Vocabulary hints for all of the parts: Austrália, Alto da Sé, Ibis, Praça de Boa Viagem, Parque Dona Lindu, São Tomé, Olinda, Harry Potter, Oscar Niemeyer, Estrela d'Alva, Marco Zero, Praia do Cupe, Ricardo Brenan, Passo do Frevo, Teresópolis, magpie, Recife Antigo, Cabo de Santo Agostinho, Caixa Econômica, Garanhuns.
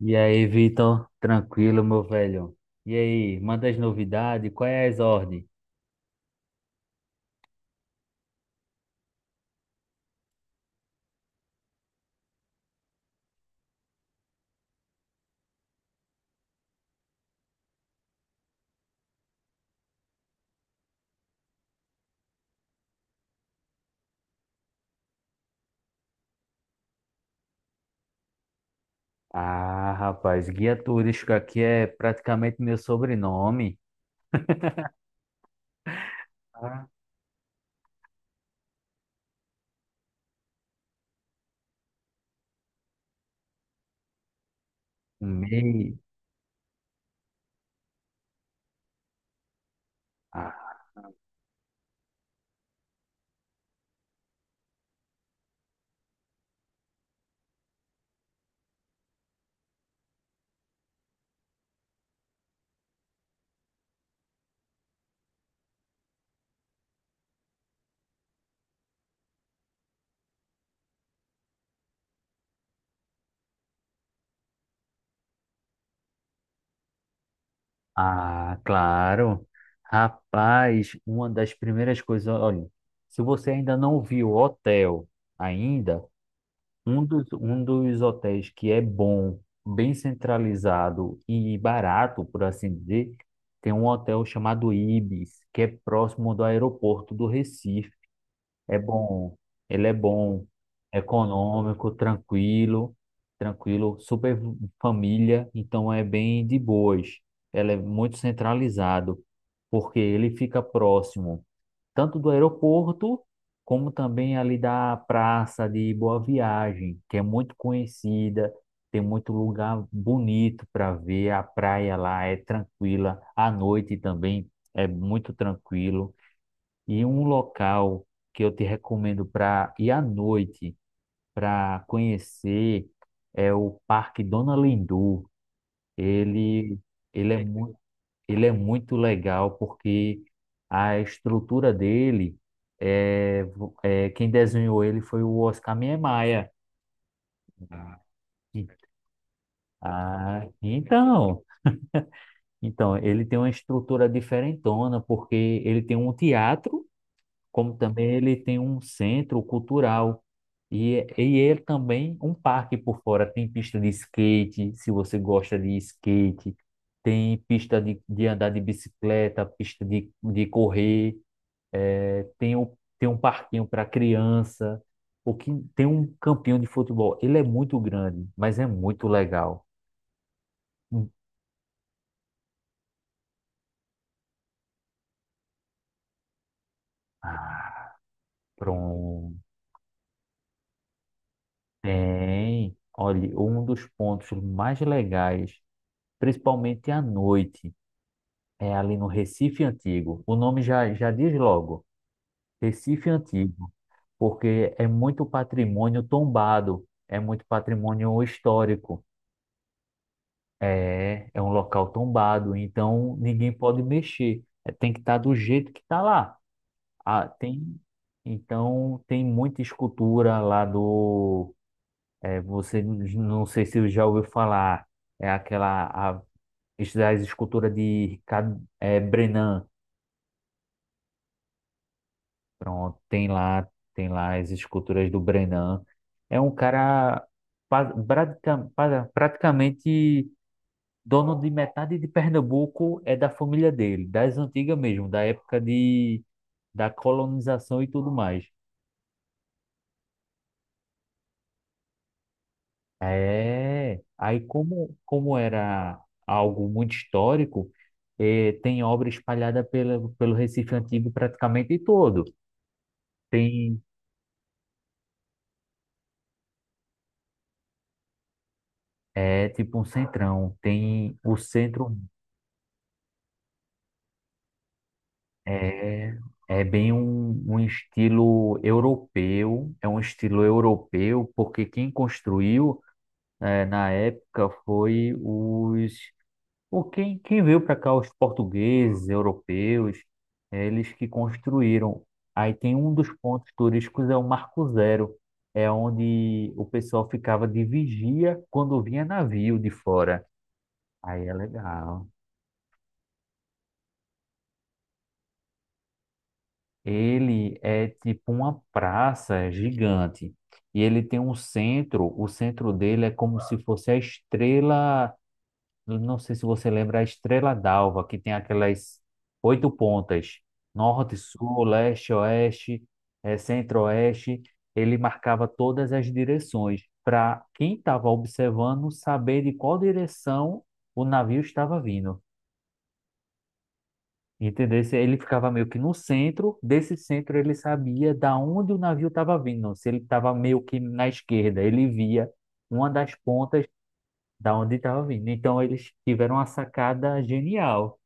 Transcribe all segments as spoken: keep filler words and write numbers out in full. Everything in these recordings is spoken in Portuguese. E aí, Vitor? Tranquilo, meu velho? E aí, manda as novidades? Qual é as ordens? Ah, rapaz, guia turístico aqui é praticamente meu sobrenome. Ah, Meio. Ah, ah, claro. Rapaz, uma das primeiras coisas, olha, se você ainda não viu o hotel ainda, Um dos, um dos hotéis que é bom, bem centralizado e barato, por assim dizer, tem um hotel chamado Ibis, que é próximo do aeroporto do Recife. É bom, ele é bom, econômico, tranquilo, tranquilo, super família, então é bem de boas. Ele é muito centralizado, porque ele fica próximo tanto do aeroporto como também ali da Praça de Boa Viagem, que é muito conhecida, tem muito lugar bonito para ver, a praia lá é tranquila, à noite também é muito tranquilo. E um local que eu te recomendo para ir à noite, para conhecer, é o Parque Dona Lindu. Ele, ele é muito ele é muito legal porque a estrutura dele é, vo- é quem desenhou ele foi o Oscar Niemeyer. E- Ah, então, então ele tem uma estrutura diferentona porque ele tem um teatro, como também ele tem um centro cultural e, e ele também um parque por fora. Tem pista de skate, se você gosta de skate, tem pista de, de andar de bicicleta, pista de, de correr. tem, um tem um parquinho para criança, o que tem um campinho de futebol. Ele é muito grande, mas é muito legal. Hum. Ah, pronto. Tem. Olha, um dos pontos mais legais, principalmente à noite, é ali no Recife Antigo. O nome já, já diz logo, Recife Antigo, porque é muito patrimônio tombado, é muito patrimônio histórico. É, é um local tombado, então ninguém pode mexer. É, tem que estar do jeito que está lá. Ah, tem, então tem muita escultura lá do. é, você não sei se já ouviu falar. É aquela a, as esculturas de Ricardo, é, Brenan. Pronto, tem lá, tem lá as esculturas do Brenan. É um cara pa- praticamen- pa- praticamente dono de metade de Pernambuco é da família dele, das antigas mesmo, da época de, da colonização e tudo mais. É, aí como, como era algo muito histórico, eh, tem obra espalhada pela, pelo Recife Antigo praticamente todo. Tem, é, tipo um centrão, tem o centro, é, é bem um, um estilo europeu, é um estilo europeu, porque quem construiu é, na época foi os o quem, quem veio para cá os portugueses, europeus, é, eles que construíram. Aí tem um dos pontos turísticos é o Marco Zero, é onde o pessoal ficava de vigia quando vinha navio de fora. Aí é legal. Ele é tipo uma praça gigante e ele tem um centro. O centro dele é como se fosse a estrela. Eu não sei se você lembra a Estrela d'Alva, que tem aquelas oito pontas, norte, sul, leste, oeste, eh, centro-oeste. Ele marcava todas as direções para quem estava observando saber de qual direção o navio estava vindo. Entendeu? Ele ficava meio que no centro, desse centro ele sabia da onde o navio estava vindo. Se ele estava meio que na esquerda, ele via uma das pontas da onde estava vindo. Então eles tiveram uma sacada genial.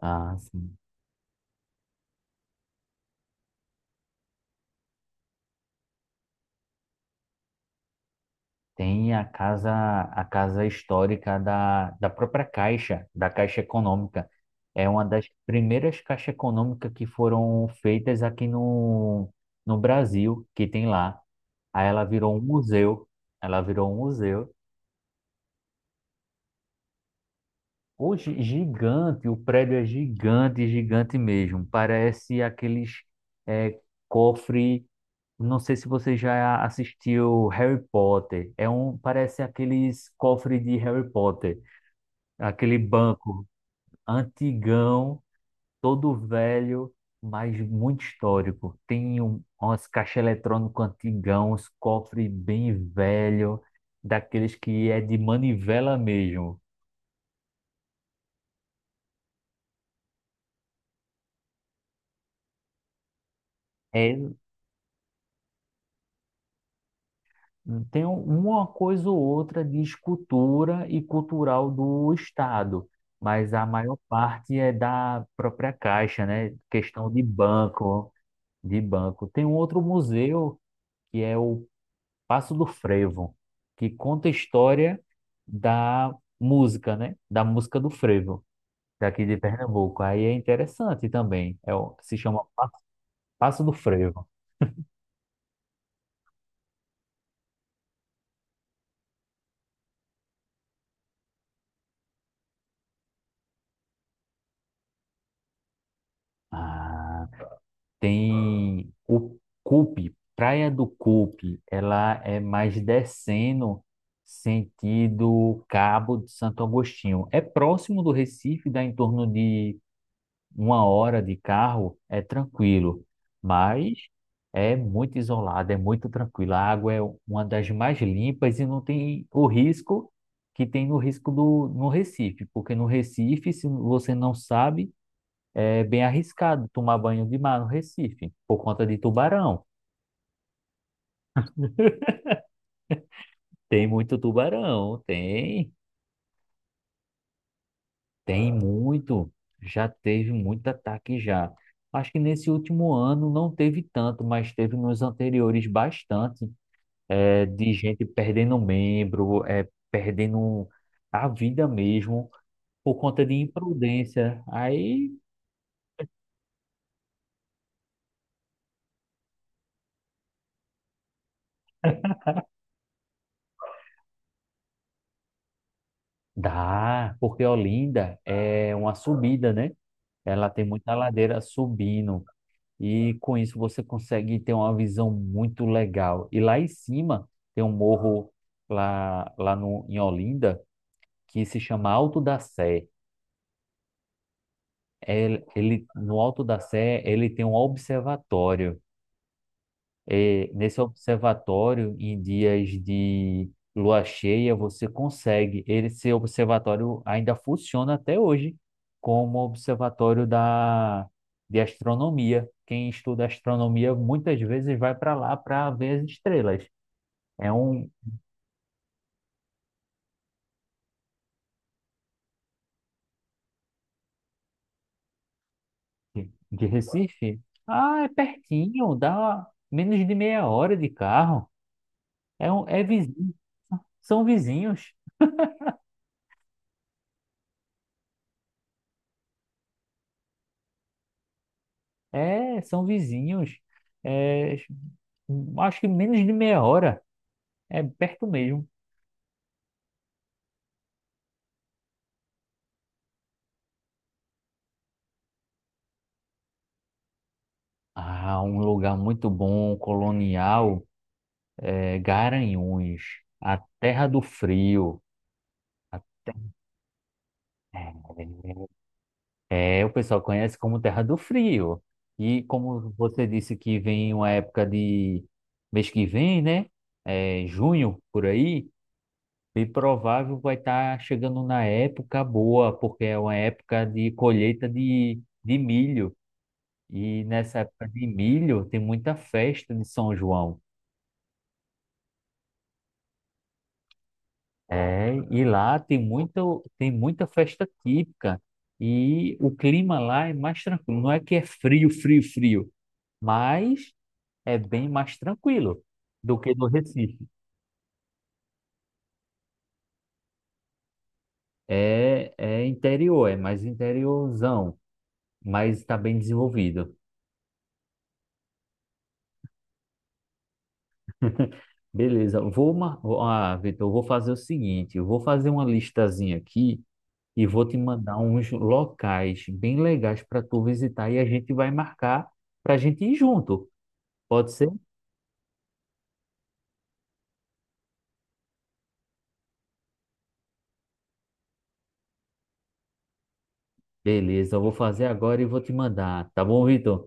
Ah, sim. Tem a casa, a casa histórica da, da própria Caixa, da Caixa Econômica. É uma das primeiras caixas econômicas que foram feitas aqui no, no Brasil, que tem lá. Aí ela virou um museu. Ela virou um museu. Hoje, gigante, o prédio é gigante, gigante mesmo. Parece aqueles é, cofre. Não sei se você já assistiu Harry Potter. É um, parece aqueles cofres de Harry Potter, aquele banco antigão, todo velho, mas muito histórico. Tem um, umas caixas eletrônicas antigão, uns cofres bem velho, daqueles que é de manivela mesmo. É, tem uma coisa ou outra de escultura e cultural do Estado, mas a maior parte é da própria Caixa, né? Questão de banco, de banco. Tem um outro museu que é o Passo do Frevo, que conta a história da música, né? Da música do frevo, daqui de Pernambuco. Aí é interessante também. É, o- se chama Passo do Frevo. Ah. Tem o Cupe, Praia do Cupe, ela é mais descendo sentido Cabo de Santo Agostinho. É próximo do Recife, dá em torno de uma hora de carro, é tranquilo, mas é muito isolado, é muito tranquilo. A água é uma das mais limpas e não tem o risco que tem no risco do no Recife, porque no Recife, se você não sabe é bem arriscado tomar banho de mar no Recife, por conta de tubarão. Tem muito tubarão, tem, tem muito. Já teve muito ataque já. Acho que nesse último ano não teve tanto, mas teve nos anteriores bastante, é, de gente perdendo membro, é, perdendo a vida mesmo, por conta de imprudência. Aí dá, porque Olinda é uma subida, né? Ela tem muita ladeira subindo. E com isso você consegue ter uma visão muito legal. E lá em cima tem um morro lá, lá no, em Olinda que se chama Alto da Sé. Ele, ele, no Alto da Sé ele tem um observatório. É nesse observatório, em dias de lua cheia, você consegue. Ele Esse observatório ainda funciona até hoje como observatório da, de astronomia. Quem estuda astronomia muitas vezes vai para lá para ver as estrelas. É um de Recife? Ah, é pertinho, dá menos de meia hora de carro. É, um, é vizinho, são vizinhos. É, são vizinhos. É, acho que menos de meia hora. É perto mesmo. Ah, um lugar muito bom, colonial, é Garanhuns, a terra do frio. A é, é, o pessoal conhece como Terra do Frio. E como você disse que vem uma época de mês que vem, né? É, junho, por aí. Bem provável vai estar chegando na época boa, porque é uma época de colheita de, de milho. E nessa época de milho tem muita festa de São João. É, e lá tem muito, tem muita festa típica. E o clima lá é mais tranquilo. Não é que é frio, frio, frio, mas é bem mais tranquilo do que no Recife. É, é interior, é mais interiorzão, mas está bem desenvolvido. Beleza, vou, mar... vou- ah, Vitor, eu vou fazer o seguinte, eu vou fazer uma listazinha aqui e vou te mandar uns locais bem legais para tu visitar e a gente vai marcar para a gente ir junto. Pode ser? Beleza, eu vou fazer agora e vou te mandar, tá bom, Vitor?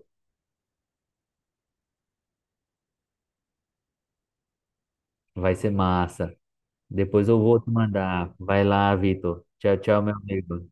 Vai ser massa. Depois eu vou te mandar. Vai lá, Vitor. Tchau, tchau, meu amigo.